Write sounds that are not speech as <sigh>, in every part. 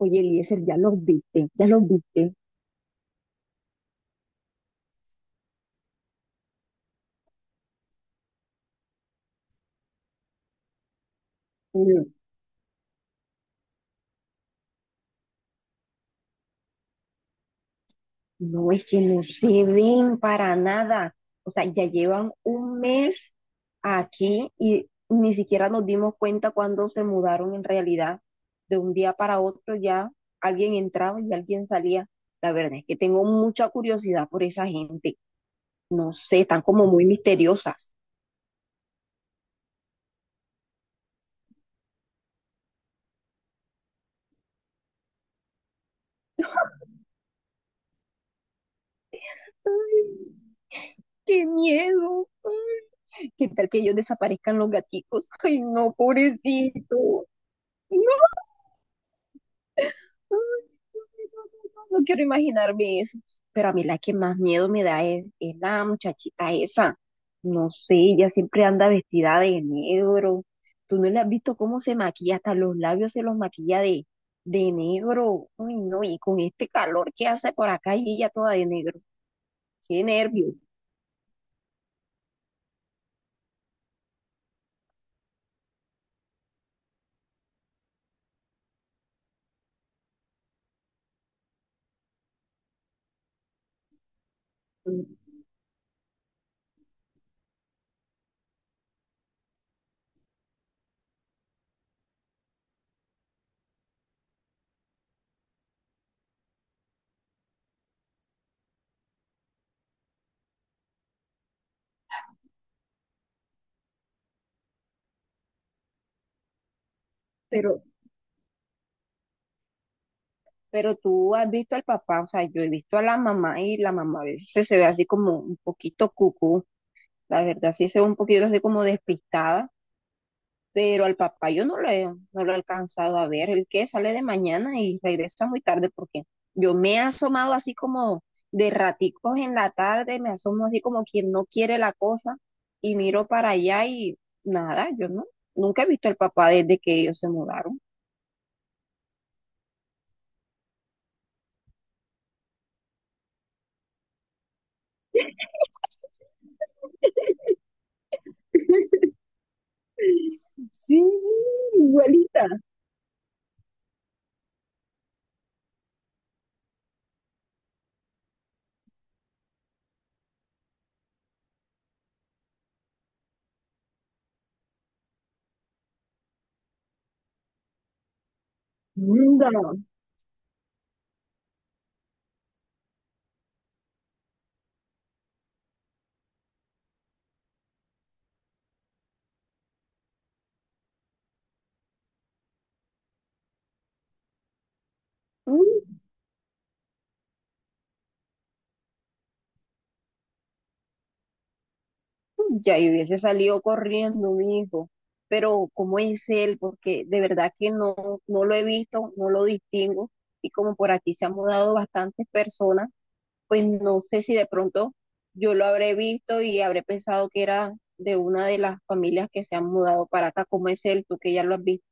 Oye, Eliezer, ya los viste, ya los viste. Pero No es que no se ven para nada. O sea, ya llevan un mes aquí y ni siquiera nos dimos cuenta cuando se mudaron en realidad. De un día para otro ya alguien entraba y alguien salía. La verdad es que tengo mucha curiosidad por esa gente. No sé, están como muy misteriosas. Ay, qué miedo. ¿Qué tal que ellos desaparezcan los gaticos? Ay, no, pobrecito. No quiero imaginarme eso. Pero a mí la que más miedo me da es la muchachita esa. No sé, ella siempre anda vestida de negro. Tú no le has visto cómo se maquilla, hasta los labios se los maquilla de negro. Uy, no, y con este calor que hace por acá y ella toda de negro. Qué nervio. Mm, Pero, pero tú has visto al papá. O sea, yo he visto a la mamá, y la mamá a veces se ve así como un poquito cucú. La verdad, sí se ve un poquito así como despistada. Pero al papá yo no lo he alcanzado a ver. El que sale de mañana y regresa muy tarde, porque yo me he asomado así como de raticos en la tarde, me asomo así como quien no quiere la cosa y miro para allá y nada, yo no, nunca he visto al papá desde que ellos se mudaron. Sí, sí, igualita. Linda. Ya yo hubiese salido corriendo, mi hijo. Pero ¿cómo es él? Porque de verdad que no, no lo he visto, no lo distingo. Y como por aquí se han mudado bastantes personas, pues no sé si de pronto yo lo habré visto y habré pensado que era de una de las familias que se han mudado para acá. ¿Cómo es él? Tú que ya lo has visto.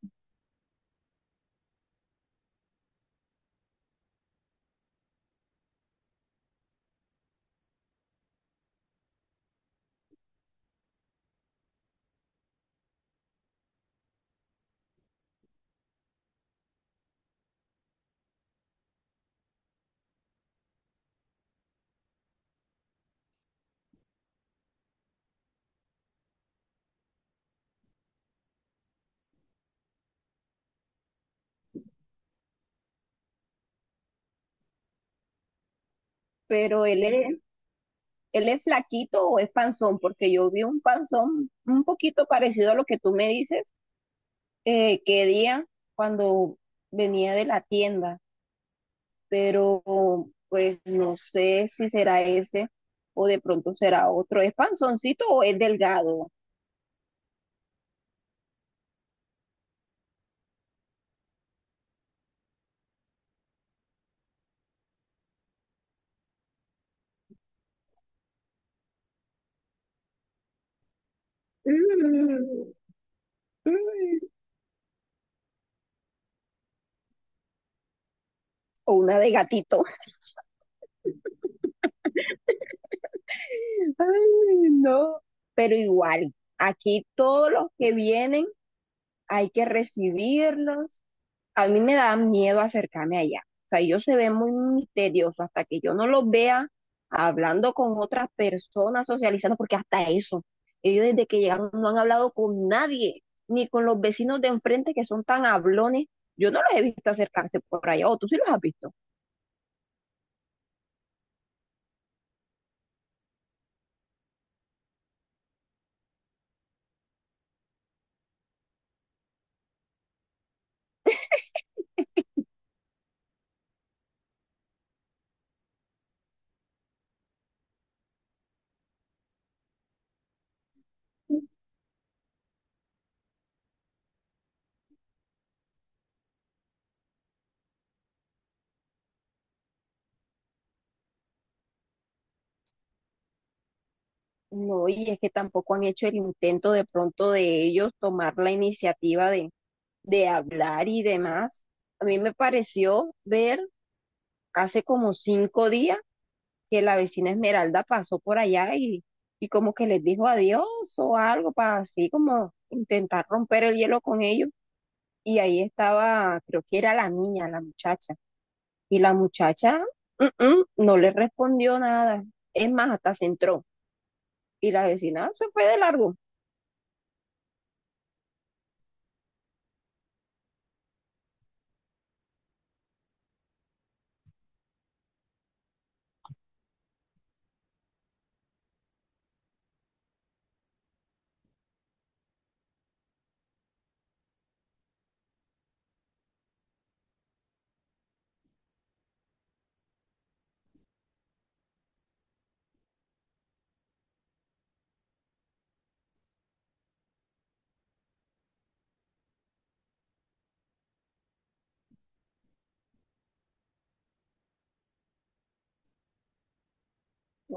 Pero él es, él es flaquito o es panzón, porque yo vi un panzón un poquito parecido a lo que tú me dices, que día cuando venía de la tienda. Pero pues no sé si será ese o de pronto será otro. ¿Es panzoncito o es delgado? Mm, mm. O una de gatito. <laughs> Ay, no. Pero igual, aquí todos los que vienen hay que recibirlos. A mí me da miedo acercarme allá. O sea, ellos se ven muy misteriosos hasta que yo no los vea hablando con otras personas, socializando, porque hasta eso, ellos desde que llegaron no han hablado con nadie, ni con los vecinos de enfrente que son tan hablones. Yo no los he visto acercarse por allá, ¿o tú sí los has visto? No, y es que tampoco han hecho el intento de pronto de ellos tomar la iniciativa de hablar y demás. A mí me pareció ver hace como 5 días que la vecina Esmeralda pasó por allá y como que les dijo adiós o algo para así como intentar romper el hielo con ellos. Y ahí estaba, creo que era la niña, la muchacha. Y la muchacha no le respondió nada. Es más, hasta se entró. Y la vecina se fue de largo.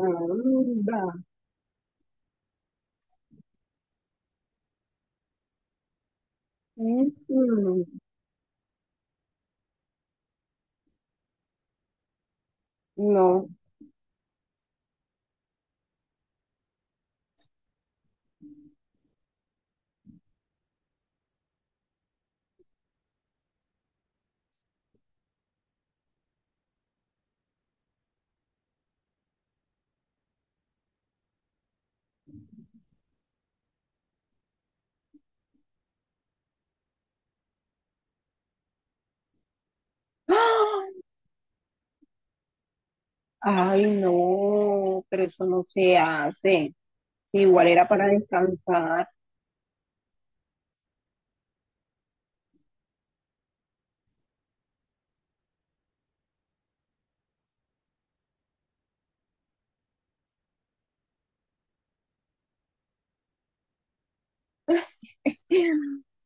Anda. Mm, mm. No. ¡Ah! Ay, no, pero eso no se hace. Si igual era para descansar.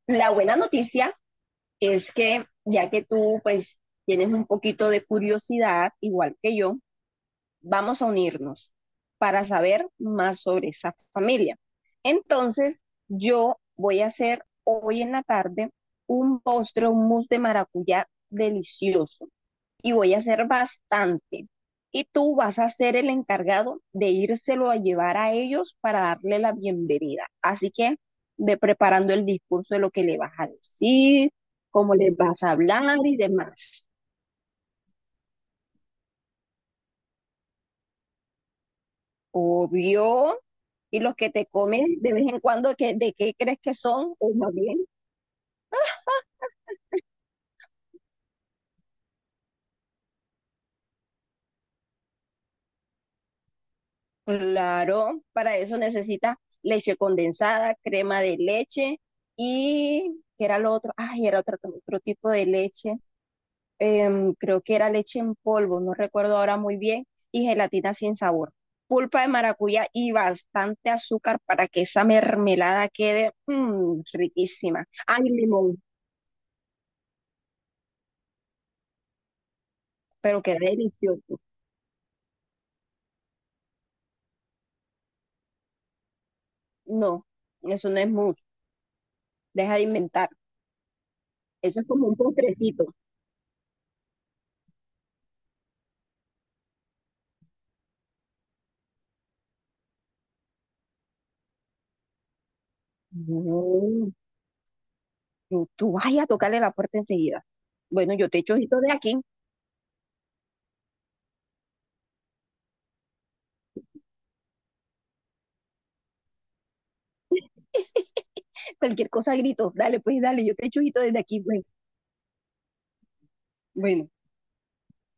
La buena noticia es que ya que tú pues tienes un poquito de curiosidad, igual que yo, vamos a unirnos para saber más sobre esa familia. Entonces, yo voy a hacer hoy en la tarde un postre, un mousse de maracuyá delicioso, y voy a hacer bastante. Y tú vas a ser el encargado de írselo a llevar a ellos para darle la bienvenida. Así que ve preparando el discurso de lo que le vas a decir, cómo les vas a hablar y demás. Obvio. Y los que te comes de vez en cuando, ¿de qué crees que son? O más bien, claro, para eso necesitas leche condensada, crema de leche y, ¿qué era lo otro? Ay, era otro tipo de leche. Creo que era leche en polvo, no recuerdo ahora muy bien, y gelatina sin sabor, pulpa de maracuyá y bastante azúcar para que esa mermelada quede riquísima. Ay, limón, pero queda delicioso. No, eso no es mousse, deja de inventar. Eso es como un postrecito. No, tú vayas a tocarle la puerta enseguida. Bueno, yo te echo ojito de aquí. Cualquier cosa grito. Dale, pues, dale, yo te echo ojito desde aquí, pues. Bueno.